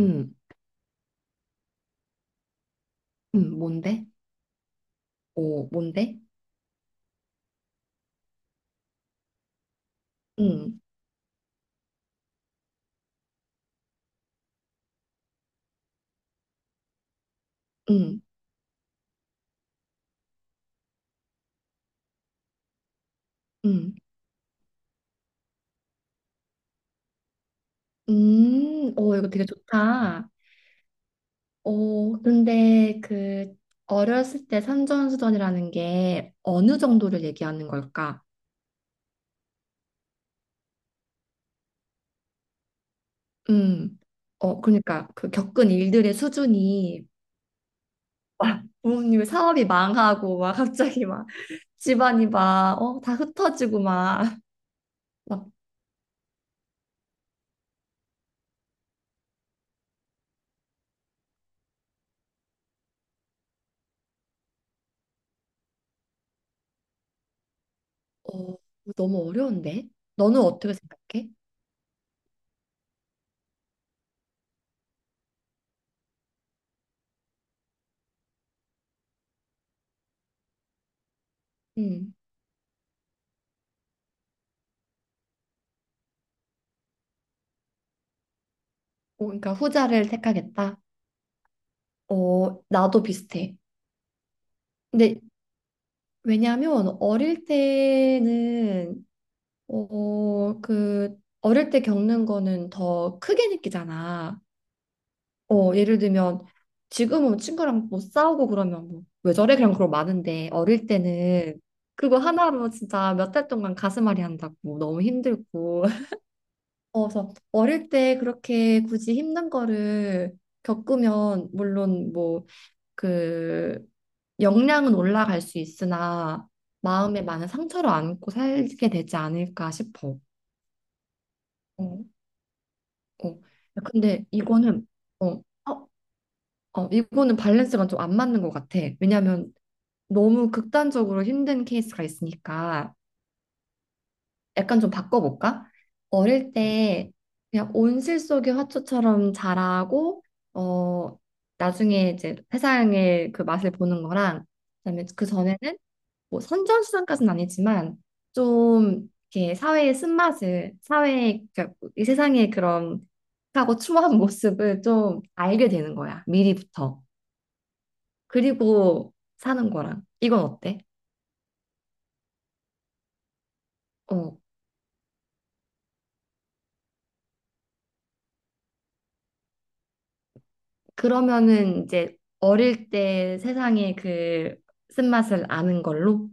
음. 뭔데? 오, 뭔데? 음. 음. 음. 음. 오, 이거 되게 좋다. 오, 근데 그 어렸을 때 산전수전이라는 게 어느 정도를 얘기하는 걸까? 음. 그러니까 그 겪은 일들의 수준이 막 부모님의 사업이 망하고 막 갑자기 막 집안이 막, 다 흩어지고 막, 막. 어, 너무 어려운데? 너는 어떻게 생각해? 음. 어, 그러니까 후자를 택하겠다. 어, 나도 비슷해. 근데 왜냐하면 어릴 때는 그 어릴 때 겪는 거는 더 크게 느끼잖아. 어, 예를 들면 지금은 친구랑 뭐 싸우고 그러면 뭐 왜 저래? 그냥 그런 거 많은데 어릴 때는 그거 하나로 진짜 몇 달 동안 가슴앓이 한다고 뭐 너무 힘들고. 어, 그래서 어릴 때 그렇게 굳이 힘든 거를 겪으면 물론 뭐그 역량은 올라갈 수 있으나 마음에 많은 상처를 안고 살게 되지 않을까 싶어. 어. 어. 야, 근데 이거는 어, 어, 어, 이거는 밸런스가 좀 안 맞는 것 같아. 왜냐하면 너무 극단적으로 힘든 케이스가 있으니까 약간 좀 바꿔볼까? 어릴 때 그냥 온실 속의 화초처럼 자라고, 어, 나중에 이제 세상의 그 맛을 보는 거랑 그다음에 그 전에는 뭐 선전수단까지는 아니지만 좀 이렇게 사회의 쓴맛을 사회의 그러니까 이 세상의 그런 하고 추모한 모습을 좀 알게 되는 거야 미리부터. 그리고 사는 거랑 이건 어때? 어, 그러면은 이제 어릴 때 세상의 그 쓴맛을 아는 걸로.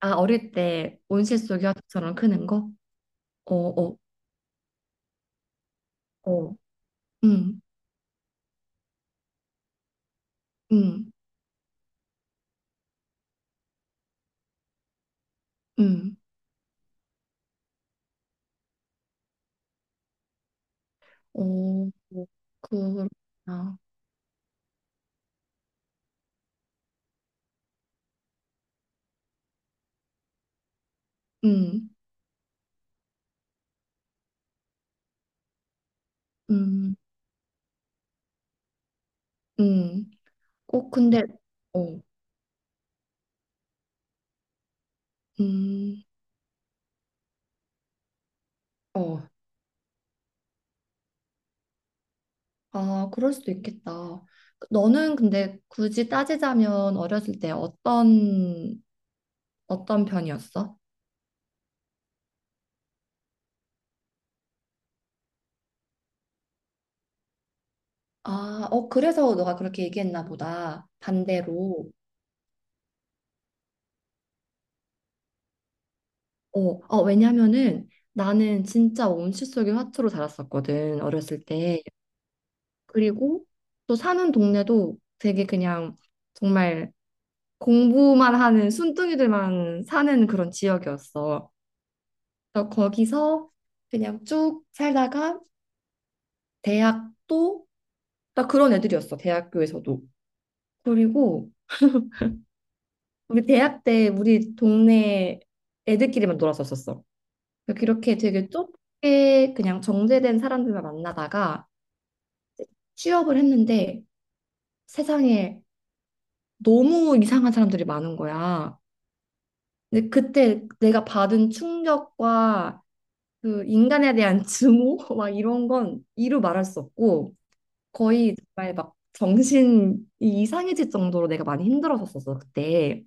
아, 어릴 때 온실 속의 화초처럼 크는 거? 어. 어. 어. 음. 음. 음. 어. 그렇구나. 음. 음. 음. 꼭 근데. 어. 음. 어. 아, 그럴 수도 있겠다. 너는 근데 굳이 따지자면 어렸을 때 어떤 편이었어? 아, 그래서 너가 그렇게 얘기했나 보다. 반대로. 어. 왜냐면은 나는 진짜 온실 속의 화초로 자랐었거든, 어렸을 때. 그리고 또 사는 동네도 되게 그냥 정말 공부만 하는 순둥이들만 사는 그런 지역이었어. 그래서 거기서 그냥 쭉 살다가 대학도 딱 그런 애들이었어. 대학교에서도. 그리고 우리 대학 때 우리 동네 애들끼리만 놀았었었어. 그러니까 그렇게 되게 좁게 그냥 정제된 사람들만 만나다가 취업을 했는데 세상에 너무 이상한 사람들이 많은 거야. 근데 그때 내가 받은 충격과 그 인간에 대한 증오, 막 이런 건 이루 말할 수 없고 거의 정말 막 정신이 이상해질 정도로 내가 많이 힘들었었어, 그때.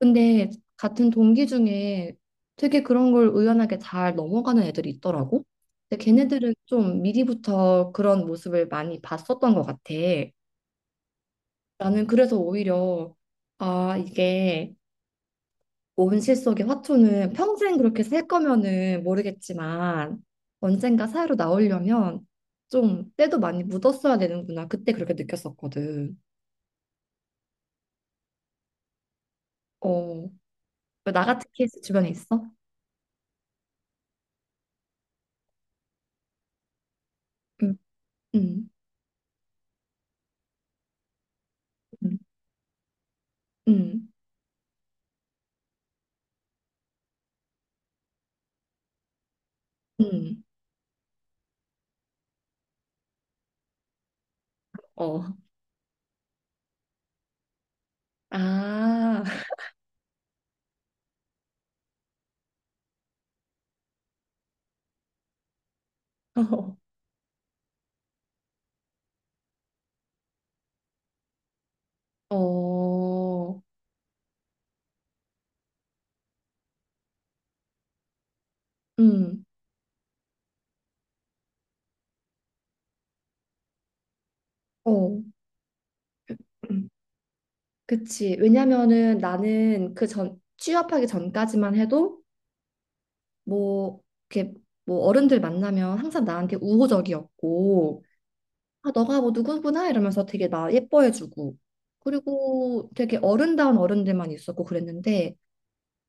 근데 같은 동기 중에 되게 그런 걸 의연하게 잘 넘어가는 애들이 있더라고. 근데 걔네들은 좀 미리부터 그런 모습을 많이 봤었던 것 같아. 나는 그래서 오히려, 아, 이게 온실 속의 화초는 평생 그렇게 살 거면은 모르겠지만 언젠가 사회로 나오려면 좀 때도 많이 묻었어야 되는구나. 그때 그렇게 느꼈었거든. 어, 나 같은 케이스 주변에 있어? 응. 응. 응. 응. 응. 어. 아. 어. 응. 어. 음. 그치. 왜냐면은 나는 그 전, 취업하기 전까지만 해도, 뭐, 이렇게 뭐 어른들 만나면 항상 나한테 우호적이었고, 아, 너가 뭐 누구구나 이러면서 되게 나 예뻐해주고, 그리고 되게 어른다운 어른들만 있었고 그랬는데,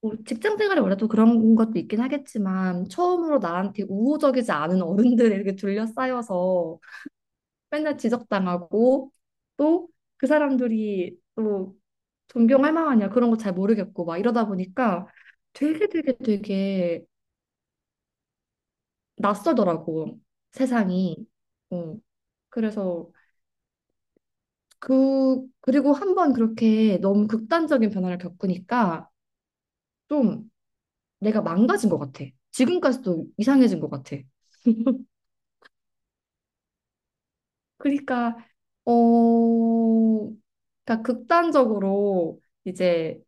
뭐 직장 생활이 원래 또 그런 것도 있긴 하겠지만 처음으로 나한테 우호적이지 않은 어른들에게 둘러싸여서 맨날 지적당하고 또 그 사람들이 또 존경할 만하냐 그런 거 잘 모르겠고 막 이러다 보니까 되게 되게 되게 낯설더라고, 세상이. 어, 그래서 그리고 한번 그렇게 너무 극단적인 변화를 겪으니까 좀 내가 망가진 것 같아. 지금까지도 이상해진 것 같아. 그러니까 어, 그러니까 극단적으로 이제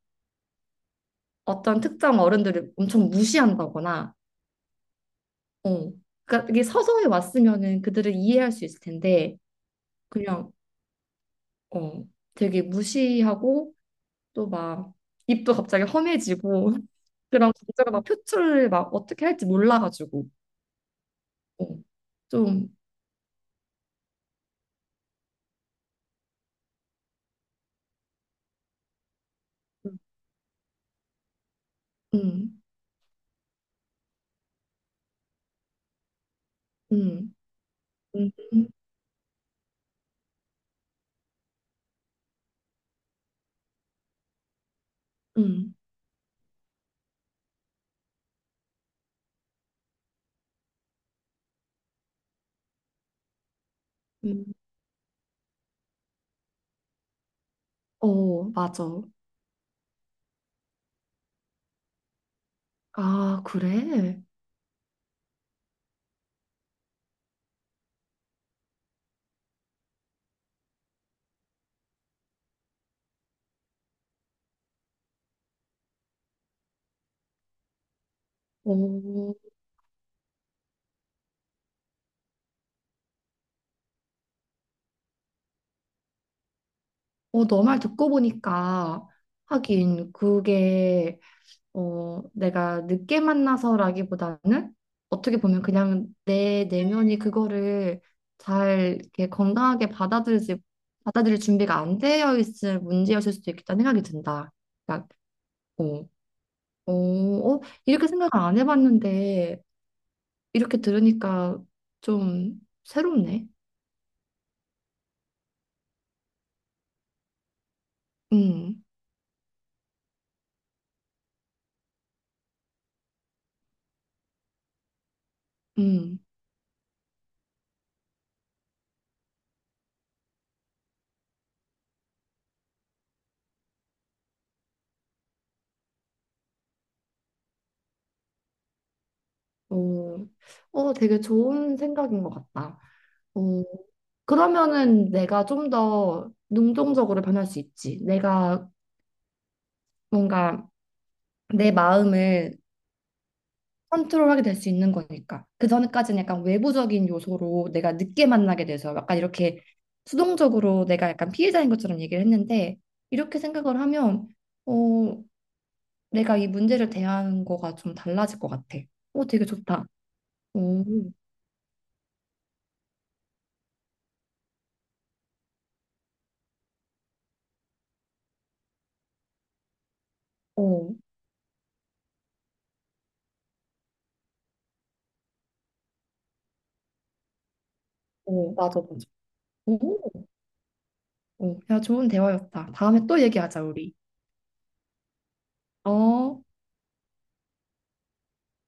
어떤 특정 어른들을 엄청 무시한다거나, 어, 그러니까 이게 서서히 왔으면은 그들을 이해할 수 있을 텐데 그냥 어, 되게 무시하고 또 막 입도 갑자기 험해지고 그런 감정을 막 표출을 막 어떻게 할지 몰라가지고, 어, 좀. 음. 음. 음. 음. 음. 음. 음. 어, 맞아. 아, 그래? 어. 너 말 듣고 보니까 하긴 그게 내가 늦게 만나서라기보다는 어떻게 보면 그냥 내 내면이 그거를 잘 이렇게 건강하게 받아들이지 받아들일 준비가 안 되어 있을 문제였을 수도 있겠다는 생각이 든다. 그러니까, 어, 어, 이렇게 생각을 안 해봤는데 이렇게 들으니까 좀 새롭네. 음. 음. 어. 되게 좋은 생각인 것 같다. 어, 그러면은 내가 좀 더 능동적으로 변할 수 있지. 내가 뭔가 내 마음을 컨트롤하게 될 수 있는 거니까. 그 전까지는 약간 외부적인 요소로 내가 늦게 만나게 돼서 약간 이렇게 수동적으로 내가 약간 피해자인 것처럼 얘기를 했는데, 이렇게 생각을 하면 어, 내가 이 문제를 대하는 거가 좀 달라질 것 같아. 오, 되게 좋다. 오, 오, 오, 맞아, 맞아. 오, 오, 야, 좋은 대화였다. 다음에 또 얘기하자, 우리. 어.